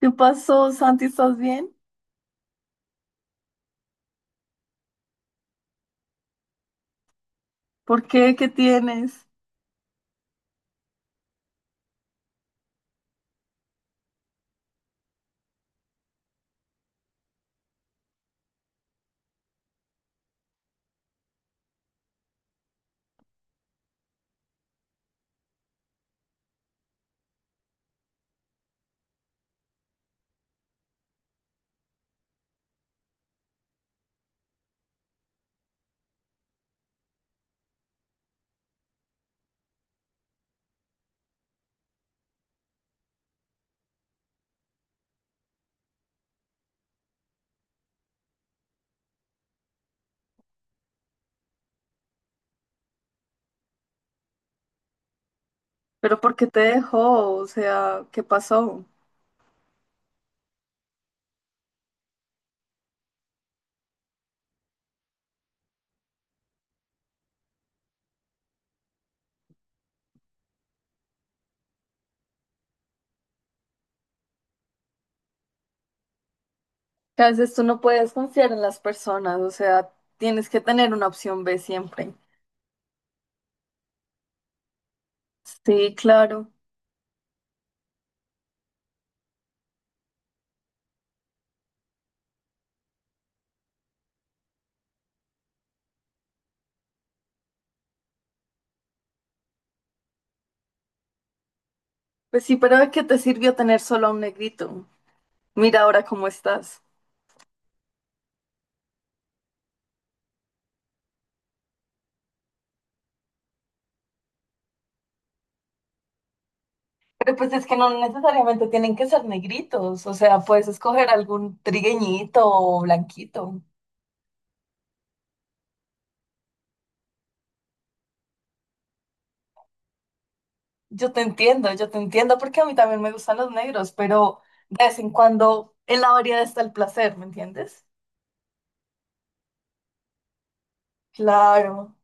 ¿Qué pasó, Santi? ¿Estás bien? ¿Por qué? ¿Qué tienes? ¿Pero por qué te dejó? O sea, ¿qué pasó? Que a veces tú no puedes confiar en las personas, o sea, tienes que tener una opción B siempre. Sí, claro. Pues sí, pero ¿de qué te sirvió tener solo a un negrito? Mira ahora cómo estás. Pero pues es que no necesariamente tienen que ser negritos, o sea, puedes escoger algún trigueñito o blanquito. Yo te entiendo porque a mí también me gustan los negros, pero de vez en cuando en la variedad está el placer, ¿me entiendes? Claro,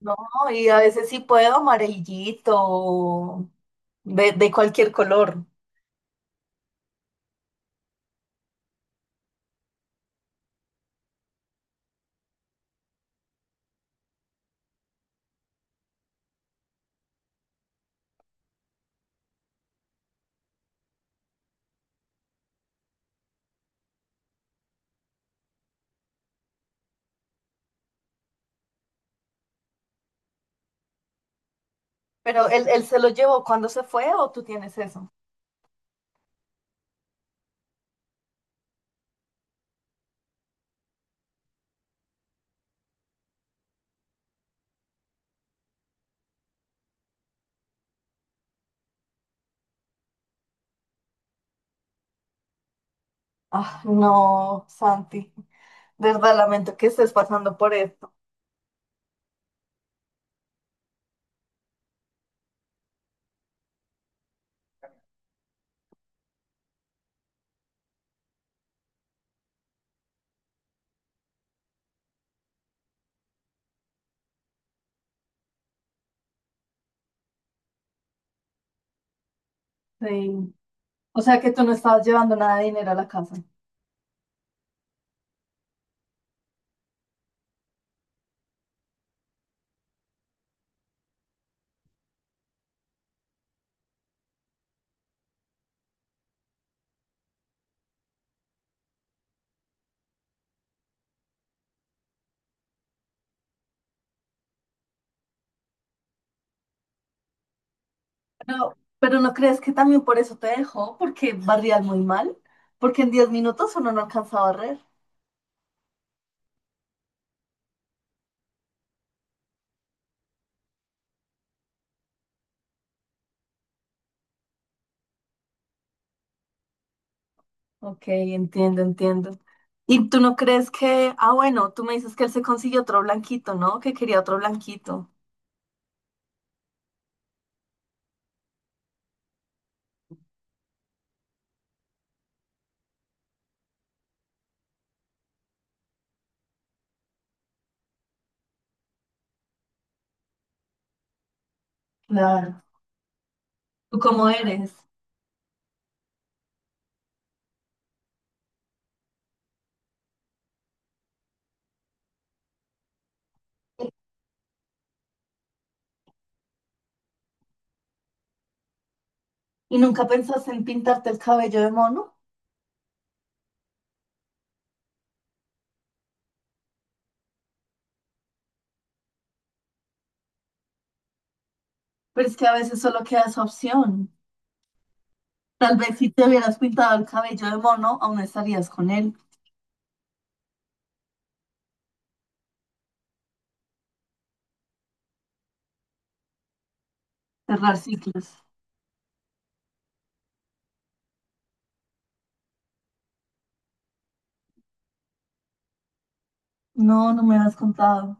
no, y a veces sí puedo amarillito, o de cualquier color. Pero él se lo llevó cuando se fue o tú tienes eso. Ah, no, Santi, de verdad lamento que estés pasando por esto. Sí. O sea que tú no estabas llevando nada de dinero a la casa. Pero ¿no crees que también por eso te dejó? Porque barrías muy mal. Porque en 10 minutos uno no alcanza a barrer. Ok, entiendo, entiendo. ¿Y tú no crees que, ah, bueno, tú me dices que él se consiguió otro blanquito, ¿no? Que quería otro blanquito. Claro. ¿Tú cómo eres? ¿Y nunca pensaste en pintarte el cabello de mono? Pero es que a veces solo queda esa opción. Tal vez si te hubieras pintado el cabello de mono, aún estarías con él. Cerrar ciclos. No, no me has contado.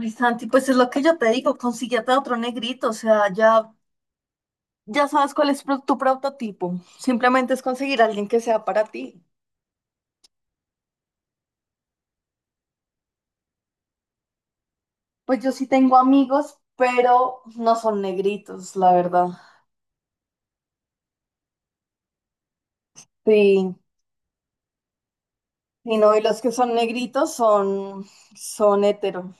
Ay, Santi, pues es lo que yo te digo, consíguete a otro negrito, o sea, ya, ya sabes cuál es pro- tu prototipo. Simplemente es conseguir a alguien que sea para ti. Pues yo sí tengo amigos, pero no son negritos, la verdad. Sí, y no, y los que son negritos son, son hetero.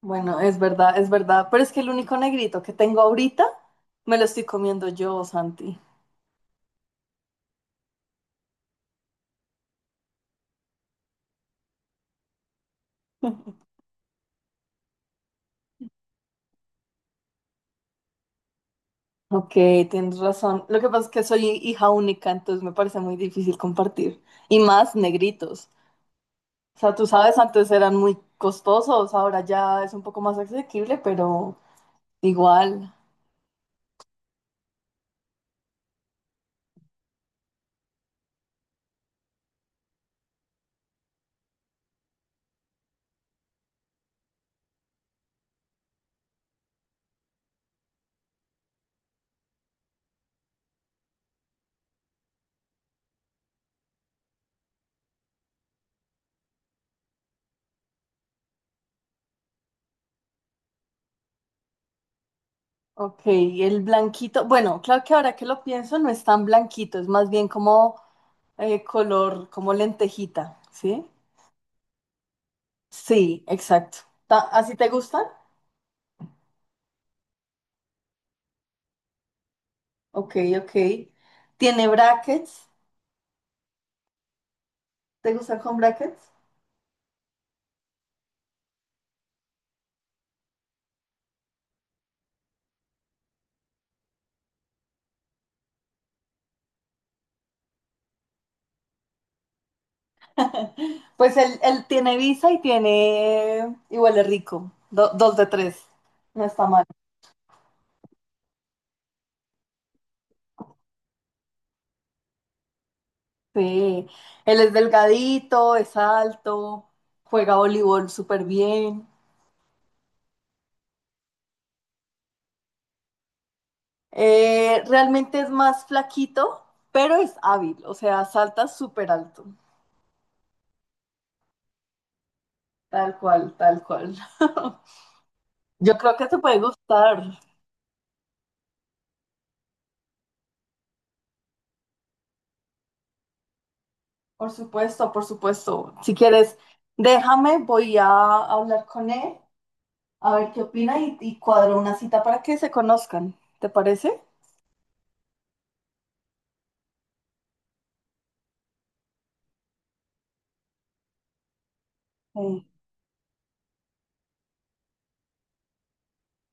Bueno, es verdad, pero es que el único negrito que tengo ahorita me lo estoy comiendo yo, Santi. Ok, tienes razón. Lo que pasa es que soy hija única, entonces me parece muy difícil compartir. Y más negritos. O sea, tú sabes, antes eran muy costosos, ahora ya es un poco más asequible, pero igual. Ok, el blanquito. Bueno, claro que ahora que lo pienso no es tan blanquito, es más bien como color, como lentejita, ¿sí? Sí, exacto. Ta- ¿Así te gustan? Ok, ok. ¿Tiene brackets? ¿Te gustan con brackets? Pues él tiene visa y tiene, y huele rico, do- dos de tres, no está mal. Sí, él es delgadito, es alto, juega voleibol súper bien. Realmente es más flaquito, pero es hábil, o sea, salta súper alto. Tal cual, tal cual. Yo creo que te puede gustar. Por supuesto, por supuesto. Si quieres, déjame, voy a hablar con él. A ver qué opina y cuadro una cita para que se conozcan. ¿Te parece? Sí.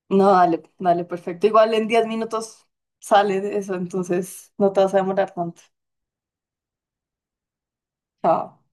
No, dale, dale, perfecto. Igual en 10 minutos sale de eso, entonces no te vas a demorar tanto. Chao.